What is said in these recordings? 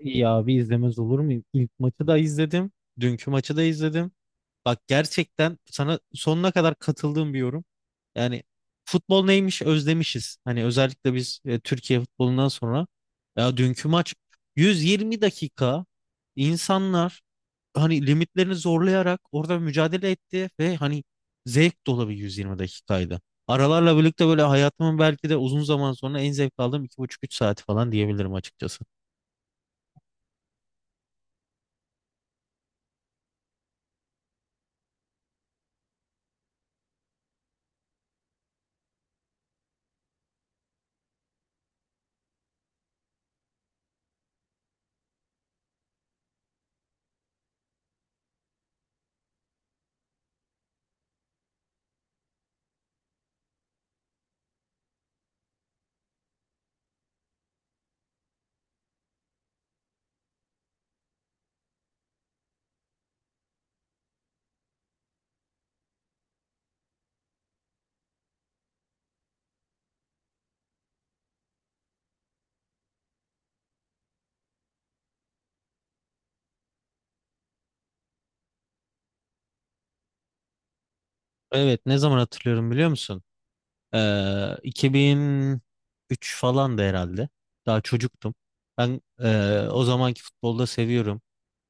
İyi abi izlemez olur muyum? İlk maçı da izledim. Dünkü maçı da izledim. Bak gerçekten sana sonuna kadar katıldığım bir yorum. Yani futbol neymiş özlemişiz. Hani özellikle biz Türkiye futbolundan sonra. Ya dünkü maç 120 dakika insanlar hani limitlerini zorlayarak orada mücadele etti ve hani zevk dolu bir 120 dakikaydı. Aralarla birlikte böyle hayatımın belki de uzun zaman sonra en zevk aldığım iki buçuk üç saati falan diyebilirim açıkçası. Evet ne zaman hatırlıyorum biliyor musun? 2003 falan da herhalde. Daha çocuktum. Ben o zamanki futbolda seviyorum.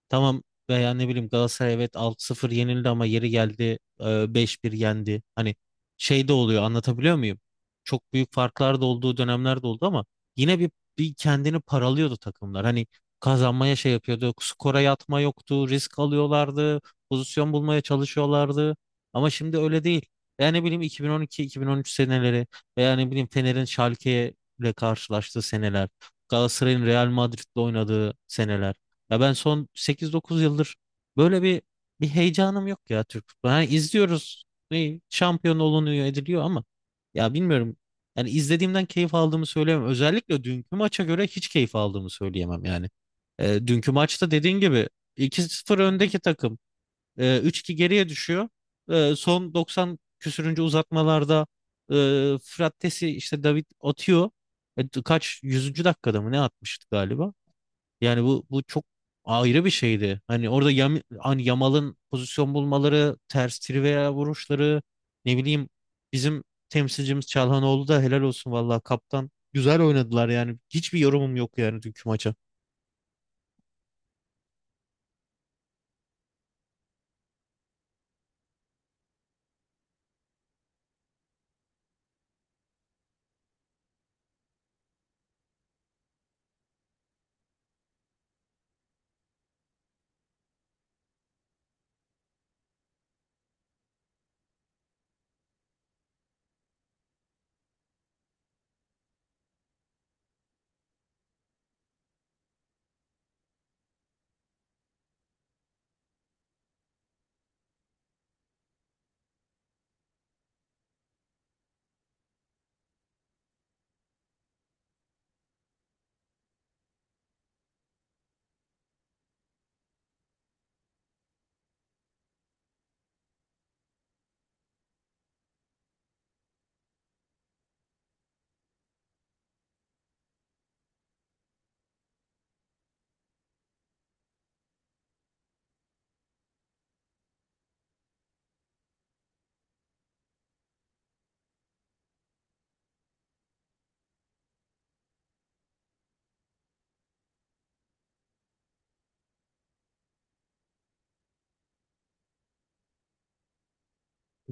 Tamam veya ne bileyim Galatasaray evet 6 sıfır yenildi ama yeri geldi 5-1 yendi. Hani şey de oluyor anlatabiliyor muyum? Çok büyük farklar da olduğu dönemler de oldu ama yine bir kendini paralıyordu takımlar. Hani kazanmaya şey yapıyordu. Skora yatma yoktu. Risk alıyorlardı. Pozisyon bulmaya çalışıyorlardı. Ama şimdi öyle değil. Yani ne bileyim 2012-2013 seneleri veya ne bileyim Fener'in Schalke ile karşılaştığı seneler. Galatasaray'ın Real Madrid'le oynadığı seneler. Ya ben son sekiz dokuz yıldır böyle bir heyecanım yok ya Türk futbolu. Hani izliyoruz. Ne, şampiyon olunuyor ediliyor ama ya bilmiyorum. Yani izlediğimden keyif aldığımı söyleyemem. Özellikle dünkü maça göre hiç keyif aldığımı söyleyemem yani. Dünkü maçta dediğin gibi iki sıfır öndeki takım 3-2 geriye düşüyor. Son 90 küsürüncü uzatmalarda e, Frattesi işte David atıyor. Kaç yüzüncü dakikada mı ne atmıştı galiba? Yani bu çok ayrı bir şeydi. Hani orada hani Yamal'ın pozisyon bulmaları, ters trivia vuruşları, ne bileyim bizim temsilcimiz Çalhanoğlu da helal olsun vallahi kaptan. Güzel oynadılar yani. Hiçbir yorumum yok yani dünkü maça.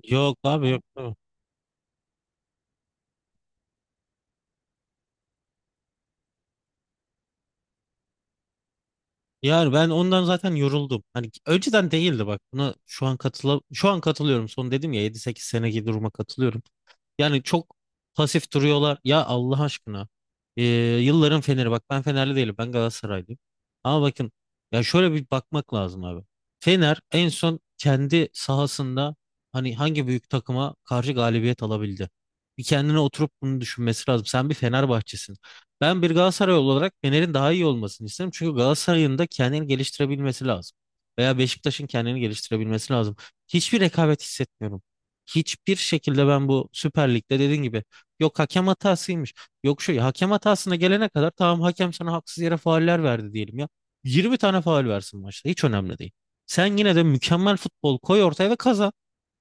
Yok abi yok. Yok. Yani ben ondan zaten yoruldum. Hani önceden değildi bak. Buna şu an katılıyorum. Son dedim ya yedi sekiz seneki duruma katılıyorum. Yani çok pasif duruyorlar. Ya Allah aşkına. Ee, Yılların Fener'i bak ben Fenerli değilim, ben Galatasaraylıyım. Ama bakın ya şöyle bir bakmak lazım abi. Fener en son kendi sahasında hani hangi büyük takıma karşı galibiyet alabildi? Bir kendine oturup bunu düşünmesi lazım. Sen bir Fenerbahçesin. Ben bir Galatasaray olarak Fener'in daha iyi olmasını isterim. Çünkü Galatasaray'ın da kendini geliştirebilmesi lazım. Veya Beşiktaş'ın kendini geliştirebilmesi lazım. Hiçbir rekabet hissetmiyorum. Hiçbir şekilde ben bu Süper Lig'de dediğin gibi yok hakem hatasıymış. Yok şu hakem hatasına gelene kadar tamam, hakem sana haksız yere fauller verdi diyelim ya. 20 tane faul versin maçta, hiç önemli değil. Sen yine de mükemmel futbol koy ortaya ve kazan.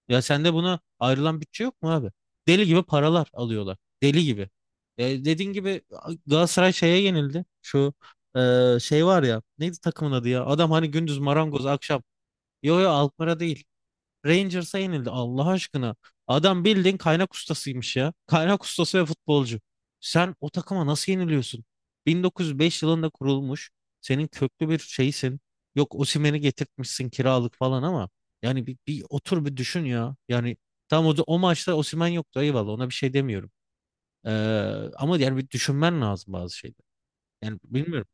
Ya sende buna ayrılan bütçe yok mu abi? Deli gibi paralar alıyorlar. Deli gibi. Dediğin gibi Galatasaray şeye yenildi. Şu e, şey var ya, neydi takımın adı ya? Adam hani gündüz marangoz, akşam. Yo yo, Alkmaar'a değil. Rangers'a yenildi Allah aşkına. Adam bildiğin kaynak ustasıymış ya. Kaynak ustası ve futbolcu. Sen o takıma nasıl yeniliyorsun? 1905 yılında kurulmuş. Senin köklü bir şeysin. Yok Osimhen'i getirtmişsin kiralık falan ama yani bir otur bir düşün ya. Yani tam o maçta Osimhen yoktu, eyvallah, ona bir şey demiyorum. Ee, Ama yani bir düşünmen lazım bazı şeyleri. Yani bilmiyorum.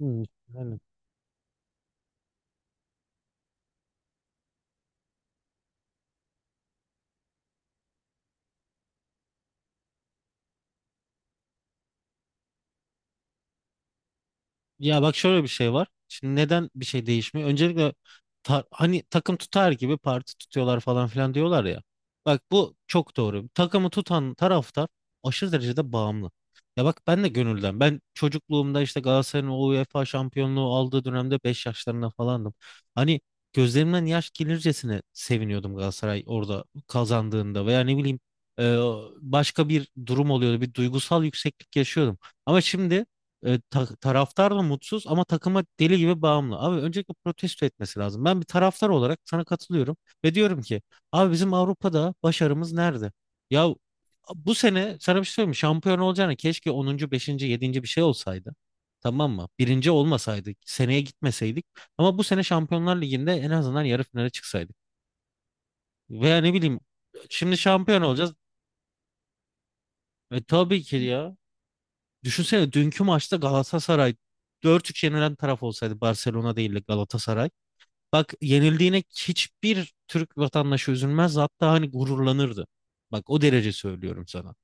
Hmm, yani. Ya bak şöyle bir şey var. Şimdi neden bir şey değişmiyor? Öncelikle hani takım tutar gibi parti tutuyorlar falan filan diyorlar ya. Bak bu çok doğru. Takımı tutan taraftar aşırı derecede bağımlı. Ya bak ben de gönülden. Ben çocukluğumda işte Galatasaray'ın o UEFA şampiyonluğu aldığı dönemde 5 yaşlarında falandım. Hani gözlerimden yaş gelircesine seviniyordum Galatasaray orada kazandığında veya ne bileyim e, başka bir durum oluyordu. Bir duygusal yükseklik yaşıyordum. Ama şimdi taraftar da mutsuz ama takıma deli gibi bağımlı. Abi öncelikle protesto etmesi lazım. Ben bir taraftar olarak sana katılıyorum ve diyorum ki abi bizim Avrupa'da başarımız nerede? Ya bu sene sana bir şey söyleyeyim mi? Şampiyon olacağına keşke onuncu, beşinci, yedinci bir şey olsaydı. Tamam mı? Birinci olmasaydık, seneye gitmeseydik. Ama bu sene Şampiyonlar Ligi'nde en azından yarı finale çıksaydık. Veya ne bileyim şimdi şampiyon olacağız. Tabii ki ya. Düşünsene dünkü maçta Galatasaray dört 3 yenilen taraf olsaydı Barcelona değil de Galatasaray. Bak yenildiğine hiçbir Türk vatandaşı üzülmez, hatta hani gururlanırdı. Bak o derece söylüyorum sana.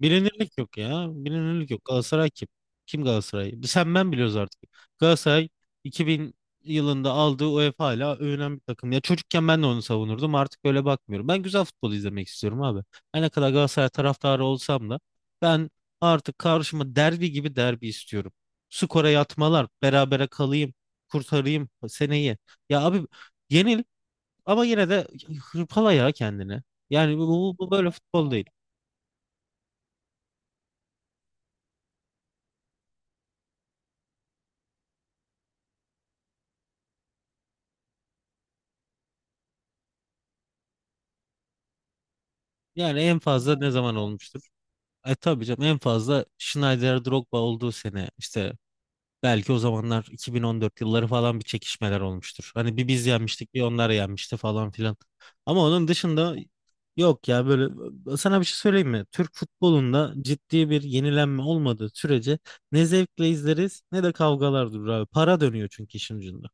Bilinirlik yok ya. Bilinirlik yok. Galatasaray kim? Kim Galatasaray? Sen ben biliyoruz artık. Galatasaray 2000 yılında aldığı UEFA ile övünen bir takım. Ya çocukken ben de onu savunurdum. Artık öyle bakmıyorum. Ben güzel futbol izlemek istiyorum abi. Her ne kadar Galatasaray taraftarı olsam da ben artık karşıma derbi gibi derbi istiyorum. Skora yatmalar, berabere kalayım, kurtarayım seneyi. Ya abi, yenil ama yine de hırpala ya kendini. Yani bu böyle futbol değil. Yani en fazla ne zaman olmuştur? Tabii canım, en fazla Schneider Drogba olduğu sene işte, belki o zamanlar 2014 yılları falan bir çekişmeler olmuştur. Hani bir biz yenmiştik, bir onlar yenmişti falan filan. Ama onun dışında yok ya böyle. Sana bir şey söyleyeyim mi? Türk futbolunda ciddi bir yenilenme olmadığı sürece ne zevkle izleriz ne de kavgalar durur abi. Para dönüyor çünkü işin ucunda.